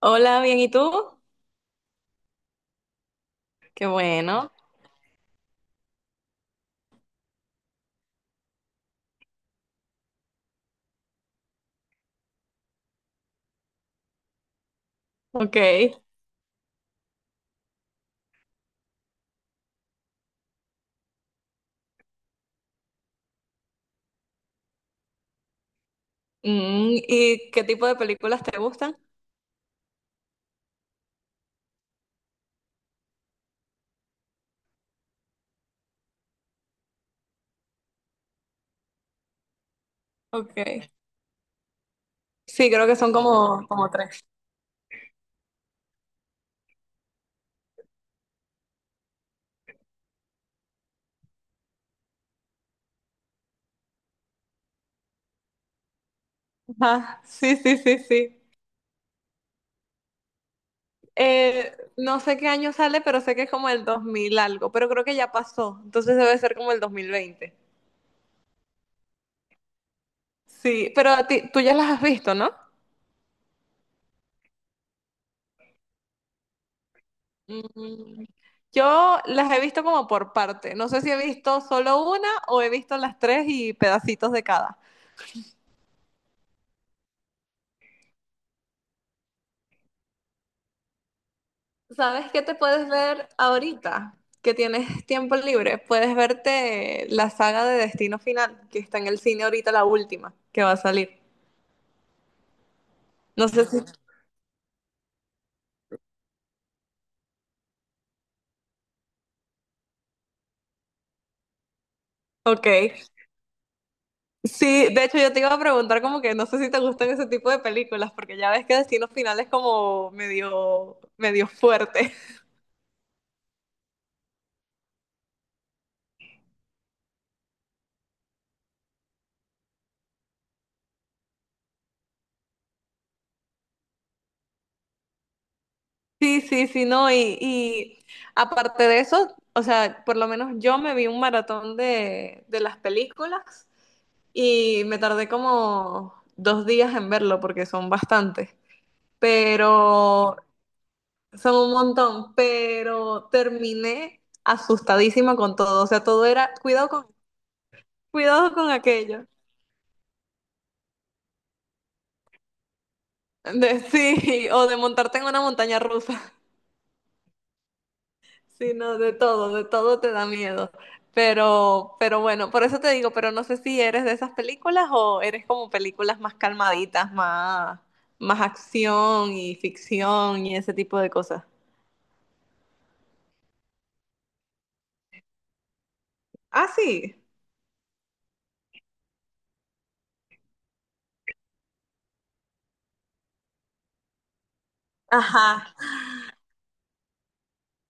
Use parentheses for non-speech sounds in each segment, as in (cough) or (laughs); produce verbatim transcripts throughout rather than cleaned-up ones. Hola, bien, ¿y tú? Qué bueno, ok. Mm, ¿y qué tipo de películas te gustan? Ok. Sí, creo que son como, como tres. Ajá, sí, sí, sí, sí. Eh, no sé qué año sale, pero sé que es como el dos mil algo, pero creo que ya pasó, entonces debe ser como el dos mil veinte. Sí, pero a ti, tú ya las has visto, ¿no? Mm, Yo las he visto como por parte. No sé si he visto solo una o he visto las tres y pedacitos de cada. ¿Sabes qué te puedes ver ahorita? Que tienes tiempo libre. Puedes verte la saga de Destino Final, que está en el cine ahorita, la última, que va a salir. No sé si... Ok. Sí, de hecho yo te iba a preguntar como que no sé si te gustan ese tipo de películas, porque ya ves que Destino Final es como medio, medio fuerte. Sí, sí, sí, no. Y, y aparte de eso, o sea, por lo menos yo me vi un maratón de, de las películas. Y me tardé como dos días en verlo porque son bastantes, pero son un montón, pero terminé asustadísima con todo. O sea, todo era cuidado con, cuidado con aquello. De, (laughs) sí, o de montarte en una montaña rusa, (laughs) sino de todo, de todo te da miedo. Pero, pero bueno, por eso te digo, pero no sé si eres de esas películas o eres como películas más calmaditas, más, más acción y ficción y ese tipo de cosas. Ah, sí. Ajá.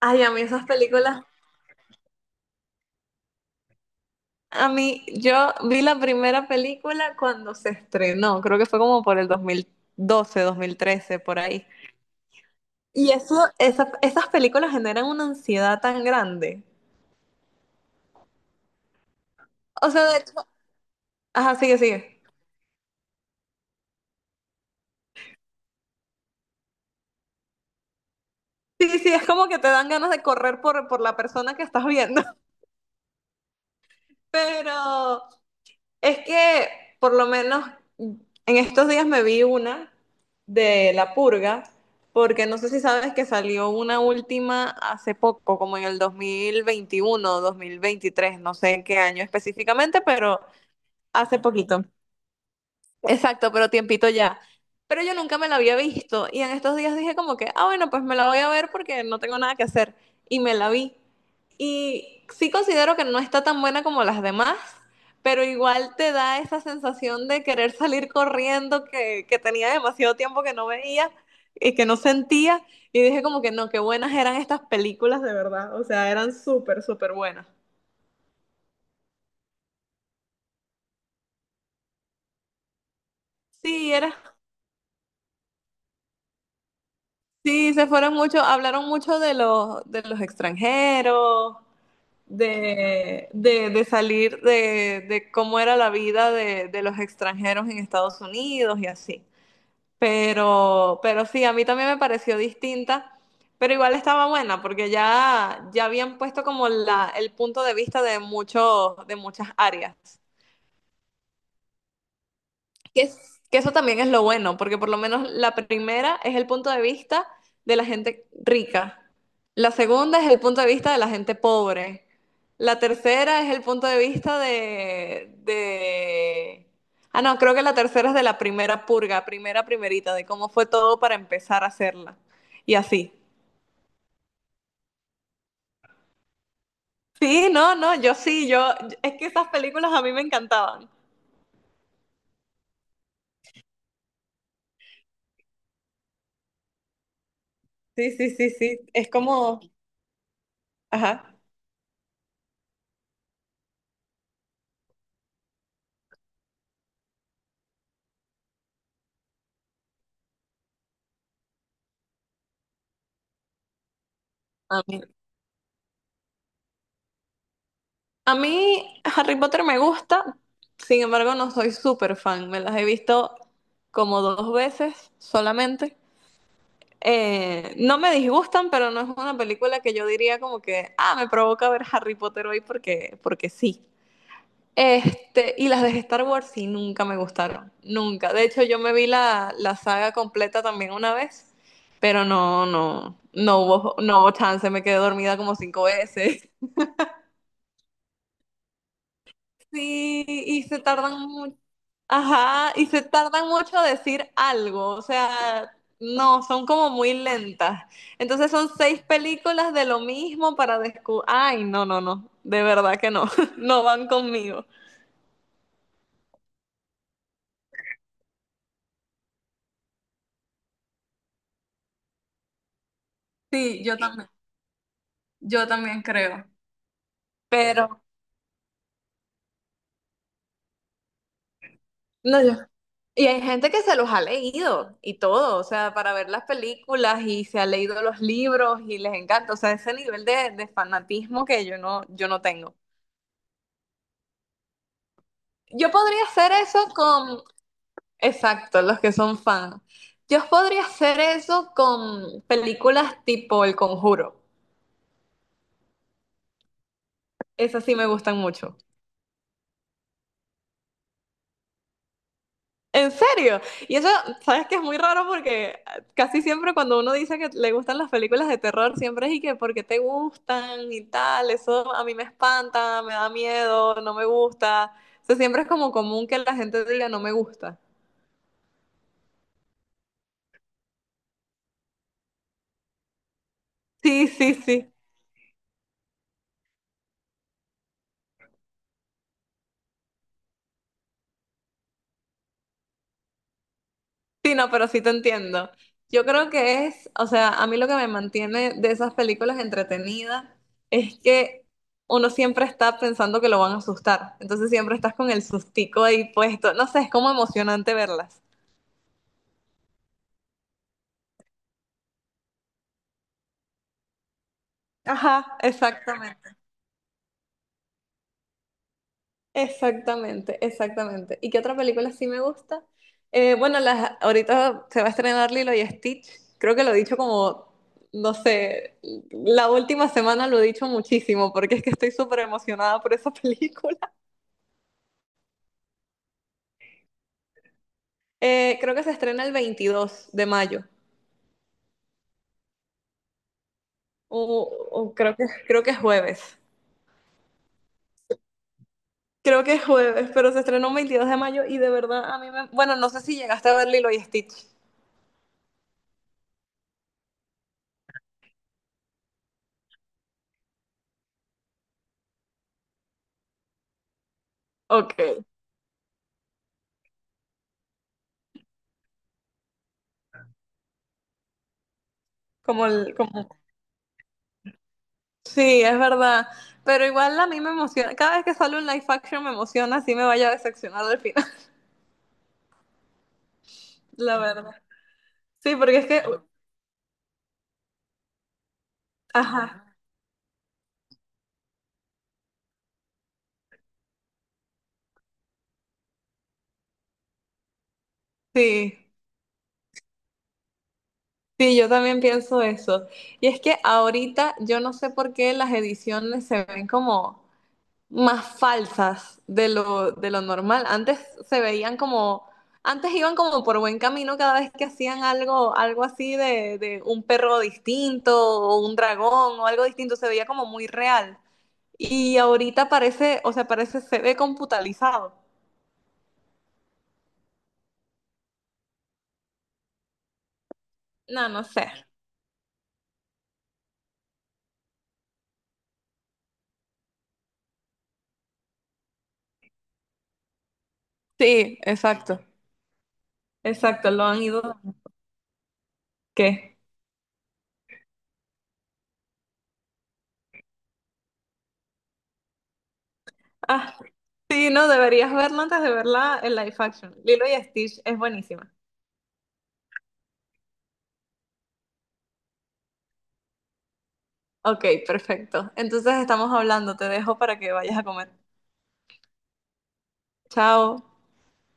Ay, a mí esas películas. A mí, yo vi la primera película cuando se estrenó, creo que fue como por el dos dos mil doce, dos mil trece, por ahí. Y eso, esa- esas películas generan una ansiedad tan grande. O sea, de hecho, ajá, sigue, sigue. Sí, sí, es como que te dan ganas de correr por, por la persona que estás viendo. (laughs) Pero es que por lo menos en estos días me vi una de La Purga, porque no sé si sabes que salió una última hace poco, como en el dos mil veintiuno dos mil veintitrés no sé en qué año específicamente, pero hace poquito. Exacto, pero tiempito ya. Pero yo nunca me la había visto y en estos días dije como que, ah, bueno, pues me la voy a ver porque no tengo nada que hacer. Y me la vi. Y sí considero que no está tan buena como las demás, pero igual te da esa sensación de querer salir corriendo que, que, tenía demasiado tiempo que no veía y que no sentía. Y dije como que no, qué buenas eran estas películas de verdad. O sea, eran súper, súper buenas. Sí, era sí, se fueron mucho, hablaron mucho de los, de los extranjeros, de, de, de salir, de, de cómo era la vida de, de los extranjeros en Estados Unidos y así. Pero, pero sí, a mí también me pareció distinta, pero igual estaba buena porque ya, ya habían puesto como la, el punto de vista de muchos, de muchas áreas. Que, es- que eso también es lo bueno, porque por lo menos la primera es el punto de vista de la gente rica, la segunda es el punto de vista de la gente pobre, la tercera es el punto de vista de, de... Ah, no, creo que la tercera es de la primera purga, primera primerita, de cómo fue todo para empezar a hacerla. Y así. Sí, no, no, yo sí, yo... Es que esas películas a mí me encantaban. Sí, sí, sí, sí. Es como... Ajá. A mí Harry Potter me gusta, sin embargo no soy súper fan. Me las he visto como dos veces solamente. Eh, no me disgustan, pero no es una película que yo diría como que, ah, me provoca ver Harry Potter hoy porque, porque sí. Este, y las de Star Wars sí nunca me gustaron, nunca. De hecho, yo me vi la, la saga completa también una vez, pero no, no, no hubo, no hubo chance, me quedé dormida como cinco veces. Sí, y se tardan mucho. Ajá, y se tardan mucho a decir algo, o sea, no, son como muy lentas. Entonces son seis películas de lo mismo para descubrir. Ay, no, no, no, de verdad que no, (laughs) no van conmigo. Sí, yo también, yo también creo. Pero, no, yo. Y hay gente que se los ha leído y todo, o sea, para ver las películas y se ha leído los libros y les encanta, o sea, ese nivel de, de fanatismo que yo no, yo no tengo. Yo podría hacer eso con, exacto, los que son fan. Yo podría hacer eso con películas tipo El Conjuro. Esas sí me gustan mucho. En serio. Y eso, sabes que es muy raro porque casi siempre cuando uno dice que le gustan las películas de terror, siempre es y que porque te gustan y tal, eso a mí me espanta, me da miedo, no me gusta. O sea, siempre es como común que la gente diga no me gusta. Sí, sí, sí. Sí, no, pero sí te entiendo. Yo creo que es, o sea, a mí lo que me mantiene de esas películas entretenidas es que uno siempre está pensando que lo van a asustar. Entonces siempre estás con el sustico ahí puesto. No sé, es como emocionante verlas. Ajá, exactamente. Exactamente, exactamente. ¿Y qué otra película sí me gusta? Eh, bueno, las, ahorita se va a estrenar Lilo y Stitch. Creo que lo he dicho como, no sé, la última semana lo he dicho muchísimo porque es que estoy súper emocionada por esa (laughs) película. Eh, creo que se estrena el veintidós de mayo. O, o creo que, creo que, es jueves. Creo que es jueves, pero se estrenó el veintidós de mayo y de verdad a mí me... Bueno, no sé si llegaste a ver Lilo y Stitch. Ok. Como el, como Sí, es verdad. Pero igual a mí me emociona. Cada vez que sale un live action me emociona, así me vaya a decepcionar al final, (laughs) la verdad. Sí, porque es que, ajá, sí, sí, yo también pienso eso. Y es que ahorita yo no sé por qué las ediciones se ven como más falsas de lo, de lo normal. Antes se veían como, antes iban como por buen camino cada vez que hacían algo, algo así de, de un perro distinto o un dragón o algo distinto, se veía como muy real. Y ahorita parece, o sea, parece, se ve computalizado. No, no sé. Sí, exacto, exacto, lo han ido. ¿Qué? Ah, sí, no, deberías verla antes de verla en live action. Lilo y Stitch es buenísima. Ok, perfecto. Entonces estamos hablando, te dejo para que vayas a comer. Chao.